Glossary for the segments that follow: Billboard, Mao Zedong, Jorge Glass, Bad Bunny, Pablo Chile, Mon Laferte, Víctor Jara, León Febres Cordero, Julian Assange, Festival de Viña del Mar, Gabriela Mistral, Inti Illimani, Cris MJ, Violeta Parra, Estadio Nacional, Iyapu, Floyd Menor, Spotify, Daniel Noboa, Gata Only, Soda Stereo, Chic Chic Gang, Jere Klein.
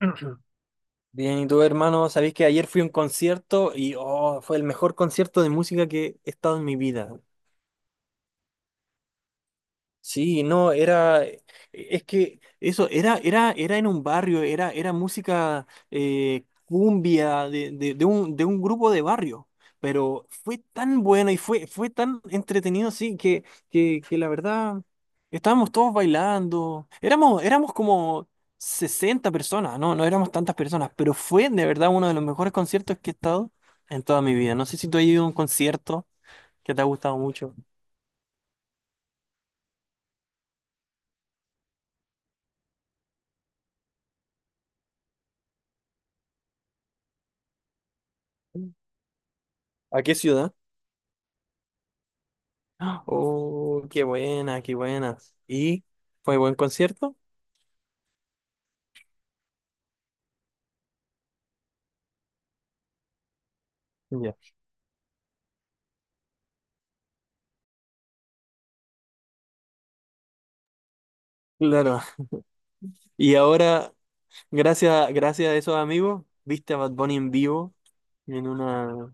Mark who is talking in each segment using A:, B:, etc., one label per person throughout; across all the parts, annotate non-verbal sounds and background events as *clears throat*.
A: *clears throat* Bien, y tú, hermano, sabéis que ayer fui a un concierto y oh, fue el mejor concierto de música que he estado en mi vida. Sí, no, es que eso, era en un barrio, era música cumbia de de un grupo de barrio, pero fue tan bueno y fue tan entretenido, sí, que la verdad, estábamos todos bailando, éramos como 60 personas, no, no éramos tantas personas, pero fue de verdad uno de los mejores conciertos que he estado en toda mi vida. No sé si tú has ido a un concierto que te ha gustado mucho. ¿A qué ciudad? Oh, qué buena, qué buena. ¿Y fue buen concierto? Ya. Claro. Y ahora, gracias a esos amigos, viste a Bad Bunny en vivo en una...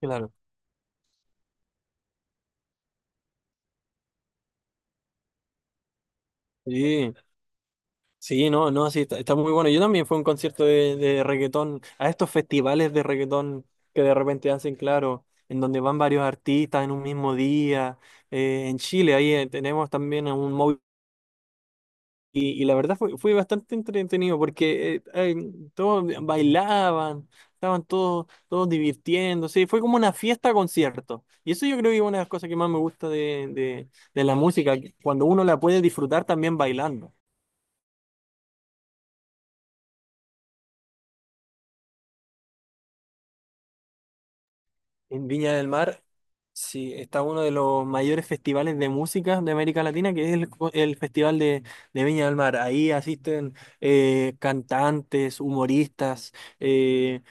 A: Claro. Sí, sí, no, no, sí, está muy bueno. Yo también fui a un concierto de reggaetón, a estos festivales de reggaetón que de repente hacen, claro, en donde van varios artistas en un mismo día. En Chile, ahí tenemos también a un móvil. Y la verdad fue, fue bastante entretenido porque todos bailaban, estaban todos, todos divirtiéndose, fue como una fiesta concierto. Y eso yo creo que es una de las cosas que más me gusta de la música, que cuando uno la puede disfrutar también bailando. En Viña del Mar. Sí, está uno de los mayores festivales de música de América Latina, que es el Festival de Viña del Mar. Ahí asisten cantantes, humoristas, eh,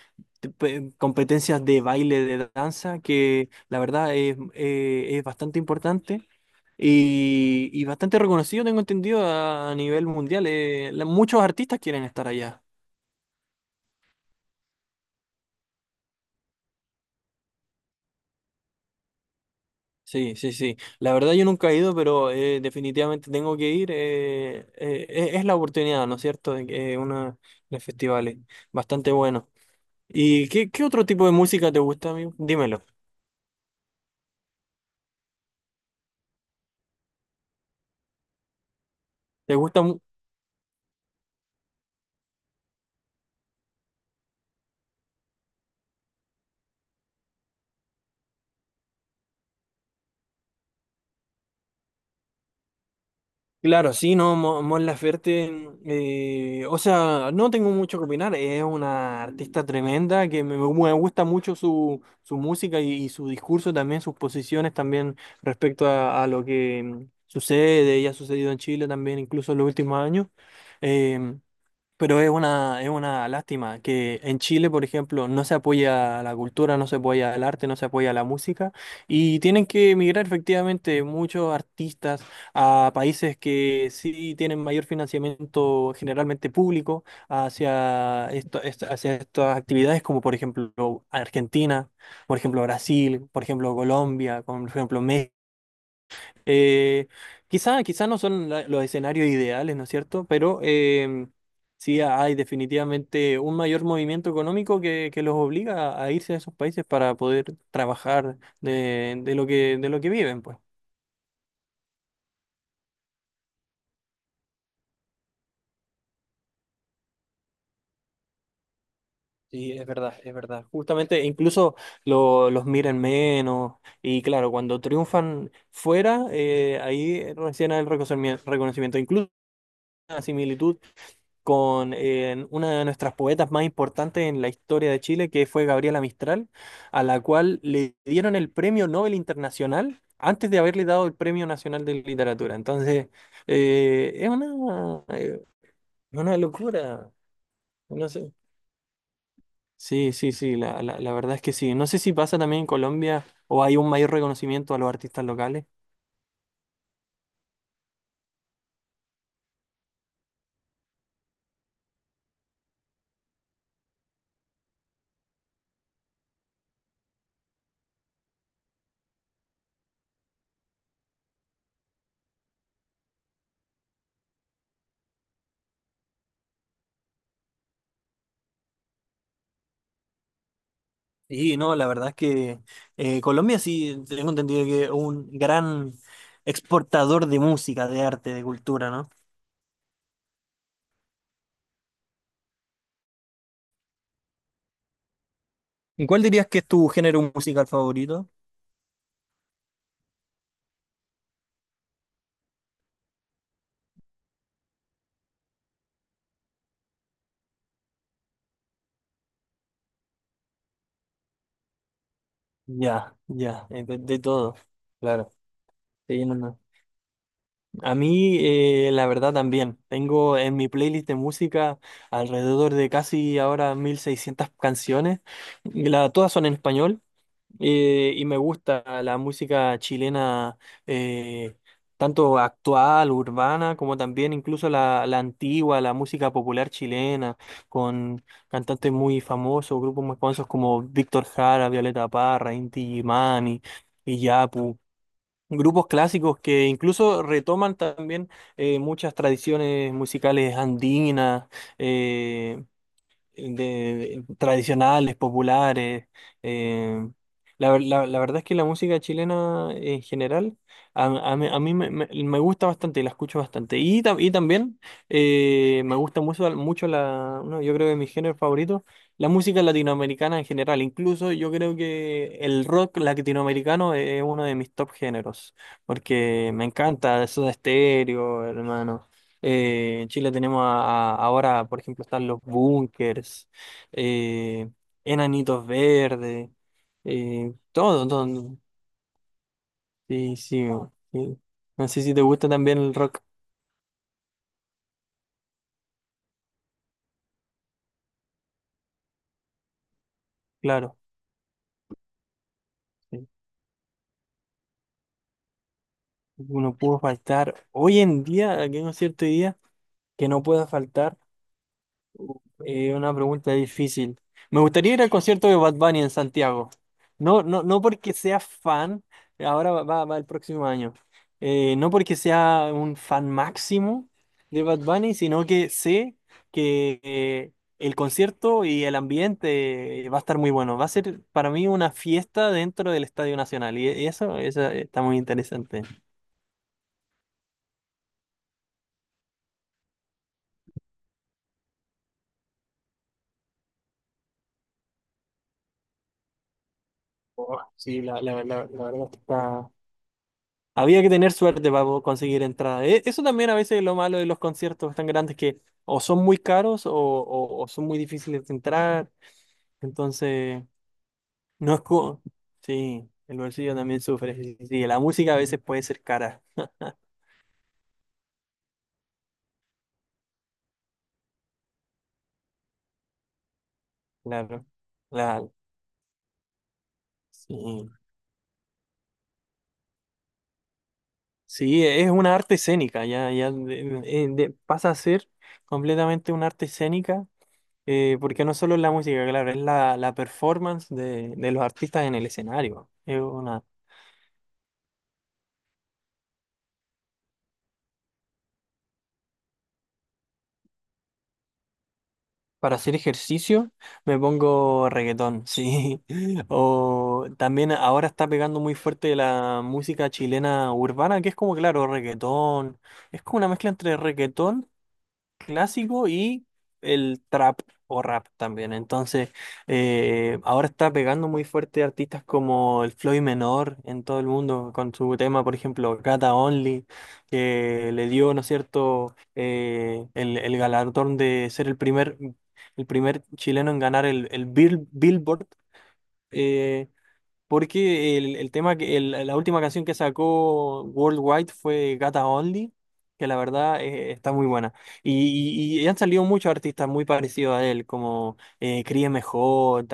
A: competencias de baile, de danza, que la verdad es bastante importante y bastante reconocido, tengo entendido, a nivel mundial. Muchos artistas quieren estar allá. Sí, sí, sí. La verdad yo nunca he ido, pero definitivamente tengo que ir. Es la oportunidad, ¿no es cierto? De que una de festivales bastante bueno. ¿Y qué otro tipo de música te gusta, amigo? Dímelo. ¿Te gusta? Claro, sí, no, Mon Laferte, o sea, no tengo mucho que opinar, es una artista tremenda que me gusta mucho su música y su discurso también, sus posiciones también respecto a lo que sucede y ha sucedido en Chile también, incluso en los últimos años. Em, pero es una lástima que en Chile, por ejemplo, no se apoya la cultura, no se apoya el arte, no se apoya la música y tienen que emigrar efectivamente muchos artistas a países que sí tienen mayor financiamiento generalmente público hacia, hacia estas actividades como por ejemplo Argentina, por ejemplo Brasil, por ejemplo Colombia, por ejemplo México. Eh, Quizá no son los escenarios ideales, ¿no es cierto? Pero sí hay definitivamente un mayor movimiento económico que los obliga a irse a esos países para poder trabajar de lo que viven, pues. Sí, es verdad, es verdad. Justamente incluso los miran menos y claro, cuando triunfan fuera, ahí recién hay el reconocimiento. Incluso una similitud con una de nuestras poetas más importantes en la historia de Chile, que fue Gabriela Mistral, a la cual le dieron el Premio Nobel Internacional antes de haberle dado el Premio Nacional de Literatura. Entonces, eh, es una, eh, una locura. No sé. Sí, sí, sí, la verdad es que sí. No sé si pasa también en Colombia o hay un mayor reconocimiento a los artistas locales. Y no, la verdad es que Colombia sí, tengo entendido que es un gran exportador de música, de arte, de cultura, ¿no? ¿Y cuál dirías que es tu género musical favorito? Ya, ya, de todo, claro. Sí, no, no. A mí, la verdad también, tengo en mi playlist de música alrededor de casi ahora 1.600 canciones, y todas son en español. Y me gusta la música chilena, eh, tanto actual, urbana, como también incluso la antigua, la música popular chilena, con cantantes muy famosos, grupos muy famosos como Víctor Jara, Violeta Parra, Inti Illimani, Iyapu. Grupos clásicos que incluso retoman también muchas tradiciones musicales andinas, eh, tradicionales, populares. eh, la verdad es que la música chilena en general a, a mí me gusta bastante, la escucho bastante. Y también me gusta mucho la, no, yo creo que mi género favorito, la música latinoamericana en general. Incluso yo creo que el rock latinoamericano es uno de mis top géneros, porque me encanta Soda Stereo, hermano. En Chile tenemos ahora, por ejemplo, están los búnkers, eh, enanitos verdes, todo, todo. Sí, sí, no, sí. No sé si te gusta también el rock, claro. Sí. Uno pudo faltar. Hoy en día, aquí en un cierto día, que no pueda faltar. Una pregunta difícil. Me gustaría ir al concierto de Bad Bunny en Santiago. No, no, no porque sea fan, ahora va el próximo año. No porque sea un fan máximo de Bad Bunny, sino que sé que el concierto y el ambiente va a estar muy bueno. Va a ser para mí una fiesta dentro del Estadio Nacional y eso está muy interesante. Oh, sí, la verdad es que está. Había que tener suerte para conseguir entrada. E- Eso también a veces es lo malo de los conciertos tan grandes que o son muy caros o son muy difíciles de entrar. Entonces, no es como... Sí, el bolsillo también sufre. Sí, sí, sí. La música a veces puede ser cara. Claro. La- sí. Sí, es una arte escénica. Ya, pasa a ser completamente una arte escénica. Porque no solo es la música, claro, es la performance de los artistas en el escenario. Es una. Para hacer ejercicio me pongo reggaetón, sí. *laughs* O también ahora está pegando muy fuerte la música chilena urbana, que es como, claro, reggaetón. Es como una mezcla entre reggaetón clásico y el trap o rap también. Entonces, ahora está pegando muy fuerte artistas como el Floyd Menor en todo el mundo con su tema, por ejemplo, Gata Only, que le dio, ¿no es cierto?, el galardón de ser el primer chileno en ganar el Billboard. eh, Porque el tema que la última canción que sacó Worldwide fue Gata Only, que la verdad está muy buena. Y, y han salido muchos artistas muy parecidos a él, como Cris MJ,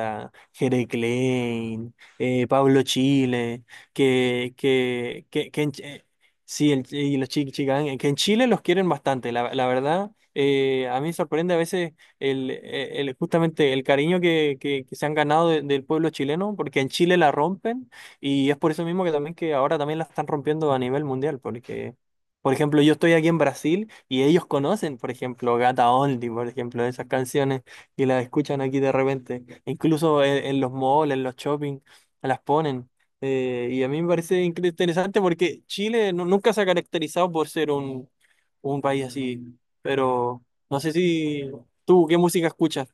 A: Jere Klein, Pablo Chile, que, que, que, que en Ch- eh, sí, y los Chic Chic Gang, que en Chile los quieren bastante, la verdad. A mí me sorprende a veces justamente el cariño que se han ganado del pueblo chileno, porque en Chile la rompen y es por eso mismo que también que ahora también la están rompiendo a nivel mundial, porque, por ejemplo, yo estoy aquí en Brasil y ellos conocen, por ejemplo, Gata Only, por ejemplo, esas canciones y las escuchan aquí de repente, incluso en los malls, en los shopping, las ponen. Y a mí me parece interesante porque Chile nunca se ha caracterizado por ser un país así, pero no sé si ¿Tú qué música escuchas?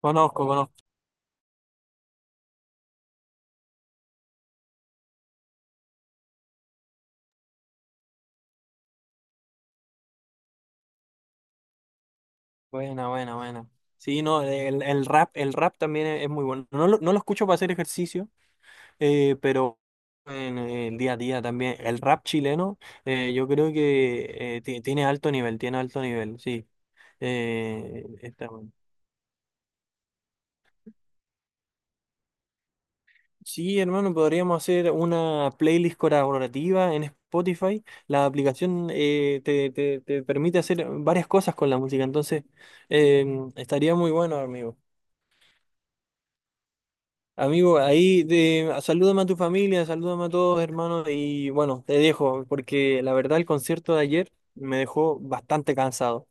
A: Conozco, conozco. Buena, buena, buena. Sí, no, el rap también es muy bueno. No lo escucho para hacer ejercicio, pero en el día a día también. El rap chileno, yo creo que tiene alto nivel, sí. Está bueno. Sí, hermano, podríamos hacer una playlist colaborativa en Spotify. La aplicación te permite hacer varias cosas con la música, entonces eh, estaría muy bueno, amigo. Amigo, ahí de, salúdame a tu familia, salúdame a todos, hermanos, y bueno, te dejo, porque la verdad el concierto de ayer me dejó bastante cansado.